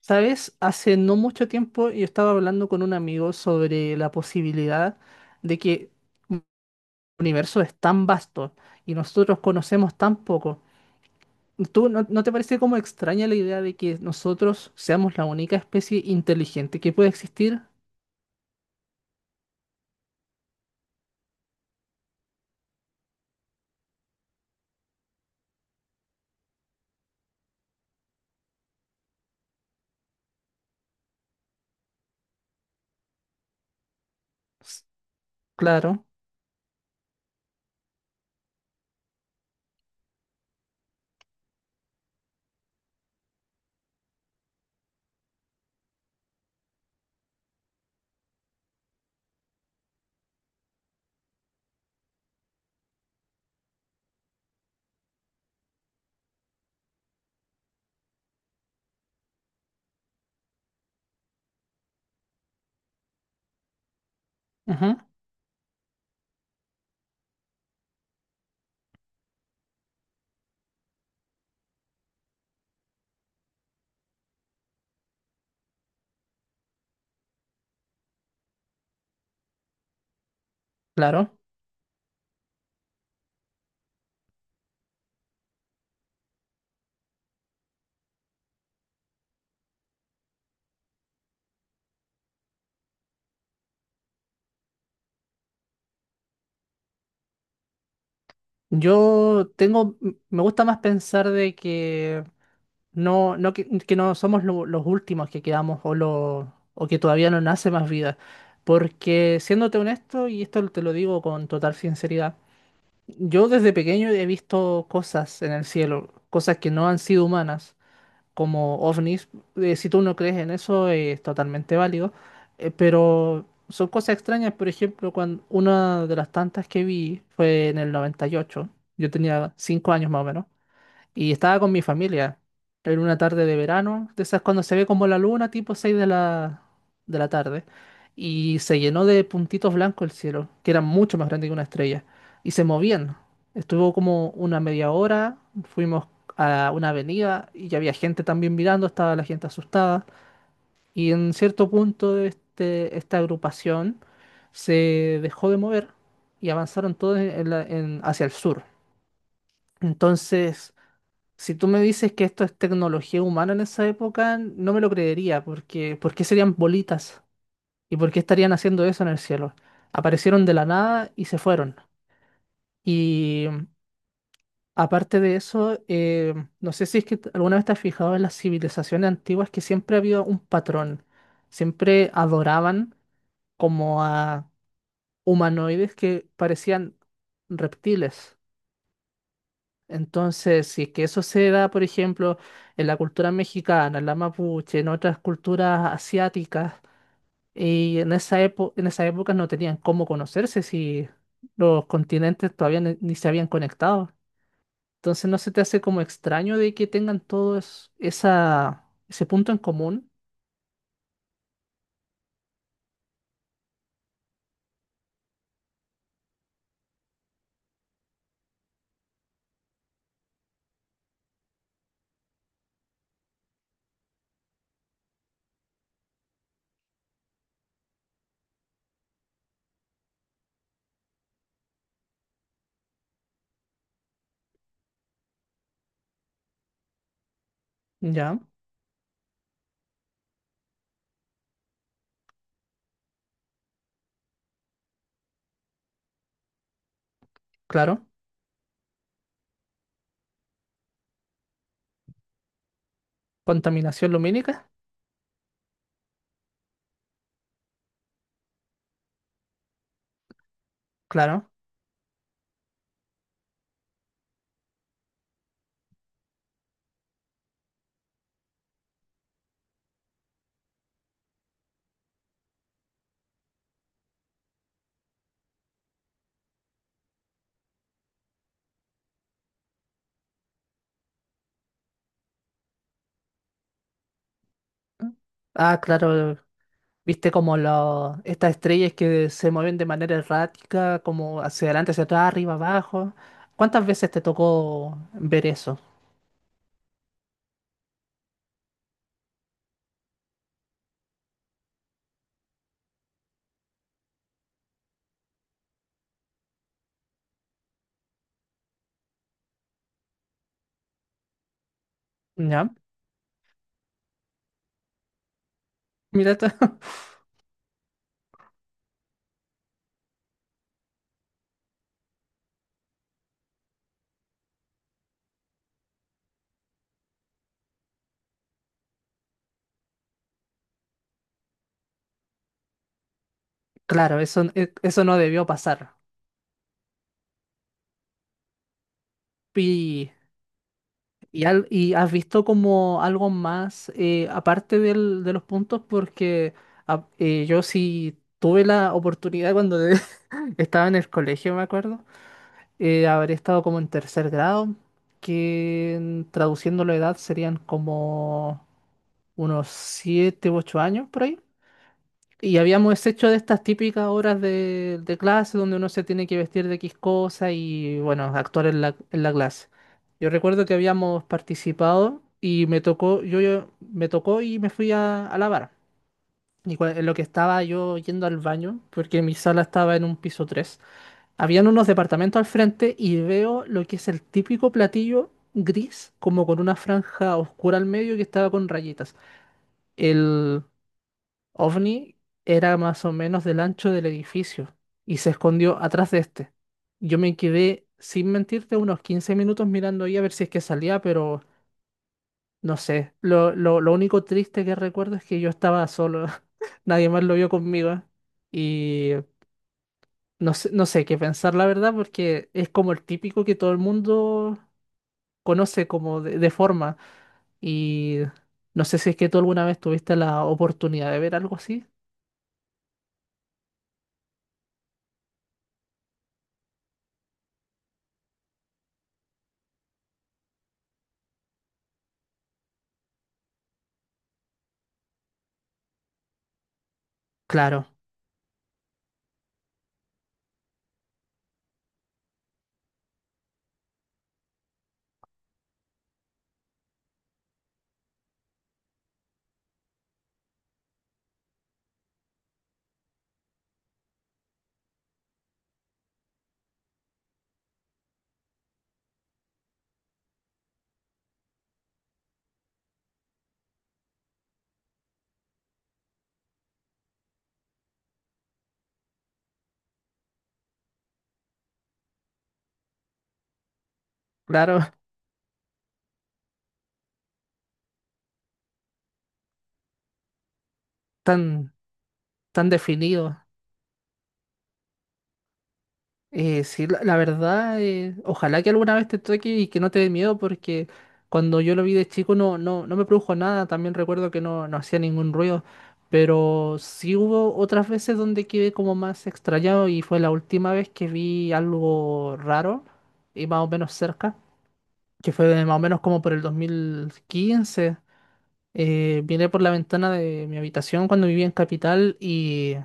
¿Sabes? Hace no mucho tiempo yo estaba hablando con un amigo sobre la posibilidad de que el universo es tan vasto y nosotros conocemos tan poco. ¿Tú no te parece como extraña la idea de que nosotros seamos la única especie inteligente que puede existir? S- Claro, ujú, claro. Yo tengo, me gusta más pensar de que no, no que no somos los últimos que quedamos o, o que todavía no nace más vida. Porque siéndote honesto, y esto te lo digo con total sinceridad, yo desde pequeño he visto cosas en el cielo, cosas que no han sido humanas como ovnis. Si tú no crees en eso, es totalmente válido. Pero son cosas extrañas. Por ejemplo, cuando una de las tantas que vi fue en el 98. Yo tenía 5 años más o menos. Y estaba con mi familia. Era una tarde de verano, de esas cuando se ve como la luna, tipo 6 de la tarde. Y se llenó de puntitos blancos el cielo, que eran mucho más grandes que una estrella. Y se movían. Estuvo como una media hora, fuimos a una avenida y ya había gente también mirando, estaba la gente asustada. Y en cierto punto este, esta agrupación se dejó de mover y avanzaron todos hacia el sur. Entonces... Si tú me dices que esto es tecnología humana en esa época, no me lo creería, porque ¿por qué serían bolitas? ¿Y por qué estarían haciendo eso en el cielo? Aparecieron de la nada y se fueron. Y aparte de eso, no sé si es que alguna vez te has fijado en las civilizaciones antiguas que siempre había un patrón. Siempre adoraban como a humanoides que parecían reptiles. Entonces, si es que eso se da, por ejemplo, en la cultura mexicana, en la mapuche, en otras culturas asiáticas, y en esa época no tenían cómo conocerse si los continentes todavía ni se habían conectado. Entonces, ¿no se te hace como extraño de que tengan todos ese punto en común? Ya, claro. Contaminación lumínica, claro. Ah, claro. Viste como los estas estrellas que se mueven de manera errática, como hacia adelante, hacia atrás, arriba, abajo. ¿Cuántas veces te tocó ver eso? ¿Ya? Mira esto. Claro, eso, eso no debió pasar. Y, y has visto como algo más, aparte de los puntos, porque ah, yo sí tuve la oportunidad cuando estaba en el colegio, me acuerdo. Habré estado como en tercer grado, que traduciendo la edad serían como unos 7 u 8 años por ahí. Y habíamos hecho de estas típicas horas de clase donde uno se tiene que vestir de X cosa y, bueno, actuar en la clase. Yo recuerdo que habíamos participado y me tocó, me tocó y me fui a lavar. Y en lo que estaba yo yendo al baño, porque mi sala estaba en un piso tres, habían unos departamentos al frente y veo lo que es el típico platillo gris, como con una franja oscura al medio que estaba con rayitas. El ovni era más o menos del ancho del edificio y se escondió atrás de este. Yo me quedé, sin mentirte, unos 15 minutos mirando ahí a ver si es que salía, pero no sé. Lo único triste que recuerdo es que yo estaba solo. Nadie más lo vio conmigo. Y no sé, no sé qué pensar, la verdad, porque es como el típico que todo el mundo conoce como de forma. Y no sé si es que tú alguna vez tuviste la oportunidad de ver algo así. Claro, claro, tan, tan definido. Sí, la verdad, ojalá que alguna vez te toque y que no te dé miedo, porque cuando yo lo vi de chico no, no, no me produjo nada, también recuerdo que no, no hacía ningún ruido, pero sí hubo otras veces donde quedé como más extrañado y fue la última vez que vi algo raro y más o menos cerca, que fue más o menos como por el 2015. Vine por la ventana de mi habitación cuando vivía en Capital y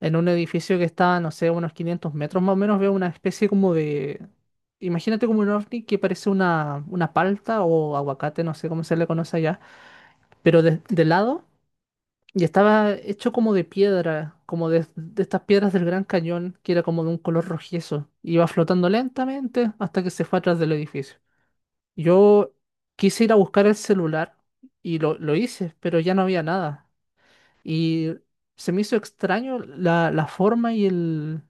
en un edificio que está, no sé, a unos 500 metros más o menos, veo una especie como de... Imagínate como un ovni que parece una palta o aguacate, no sé cómo se le conoce allá, pero de lado y estaba hecho como de piedra, como de estas piedras del Gran Cañón, que era como de un color rojizo. Iba flotando lentamente hasta que se fue atrás del edificio. Yo quise ir a buscar el celular y lo hice, pero ya no había nada. Y se me hizo extraño la forma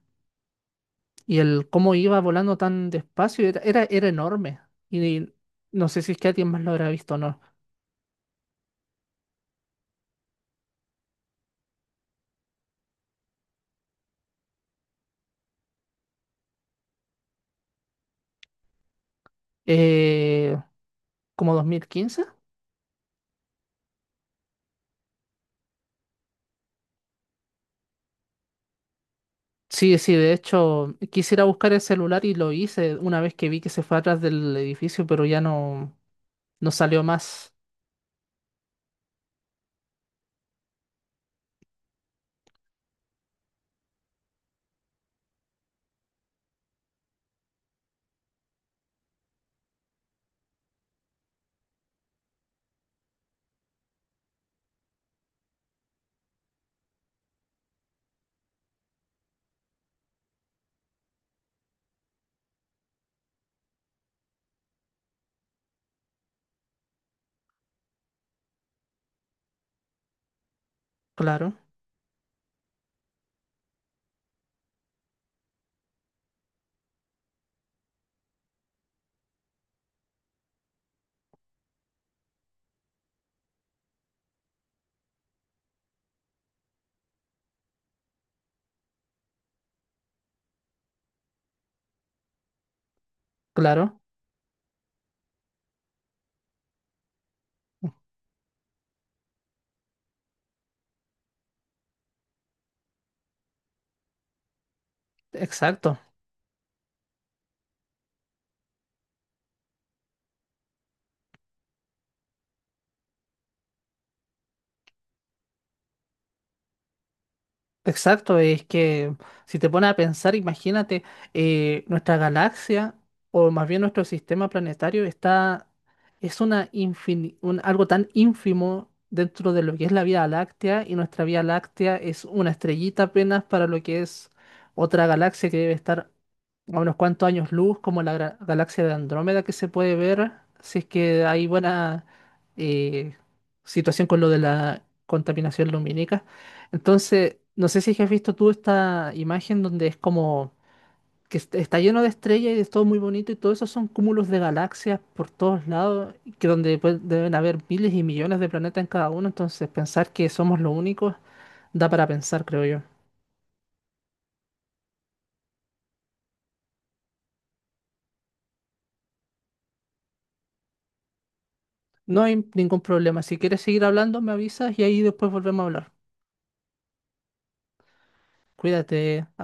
y el cómo iba volando tan despacio era enorme. Y no sé si es que alguien más lo habrá visto o no. Eh, ¿como 2015? Sí, sí, de hecho, quisiera buscar el celular y lo hice una vez que vi que se fue atrás del edificio, pero ya no, no salió más. Claro, claro, exacto. Exacto, es que si te pones a pensar, imagínate, nuestra galaxia, o más bien nuestro sistema planetario, está, es una algo tan ínfimo dentro de lo que es la Vía Láctea, y nuestra Vía Láctea es una estrellita apenas para lo que es otra galaxia que debe estar a unos cuantos años luz, como la galaxia de Andrómeda que se puede ver, si es que hay buena eh, situación con lo de la contaminación lumínica. Entonces, no sé si has visto tú esta imagen donde es como que está lleno de estrellas y es todo muy bonito y todo eso son cúmulos de galaxias por todos lados, que donde pues, deben haber miles y millones de planetas en cada uno, entonces pensar que somos los únicos da para pensar, creo yo. No hay ningún problema. Si quieres seguir hablando, me avisas y ahí después volvemos a hablar. Cuídate.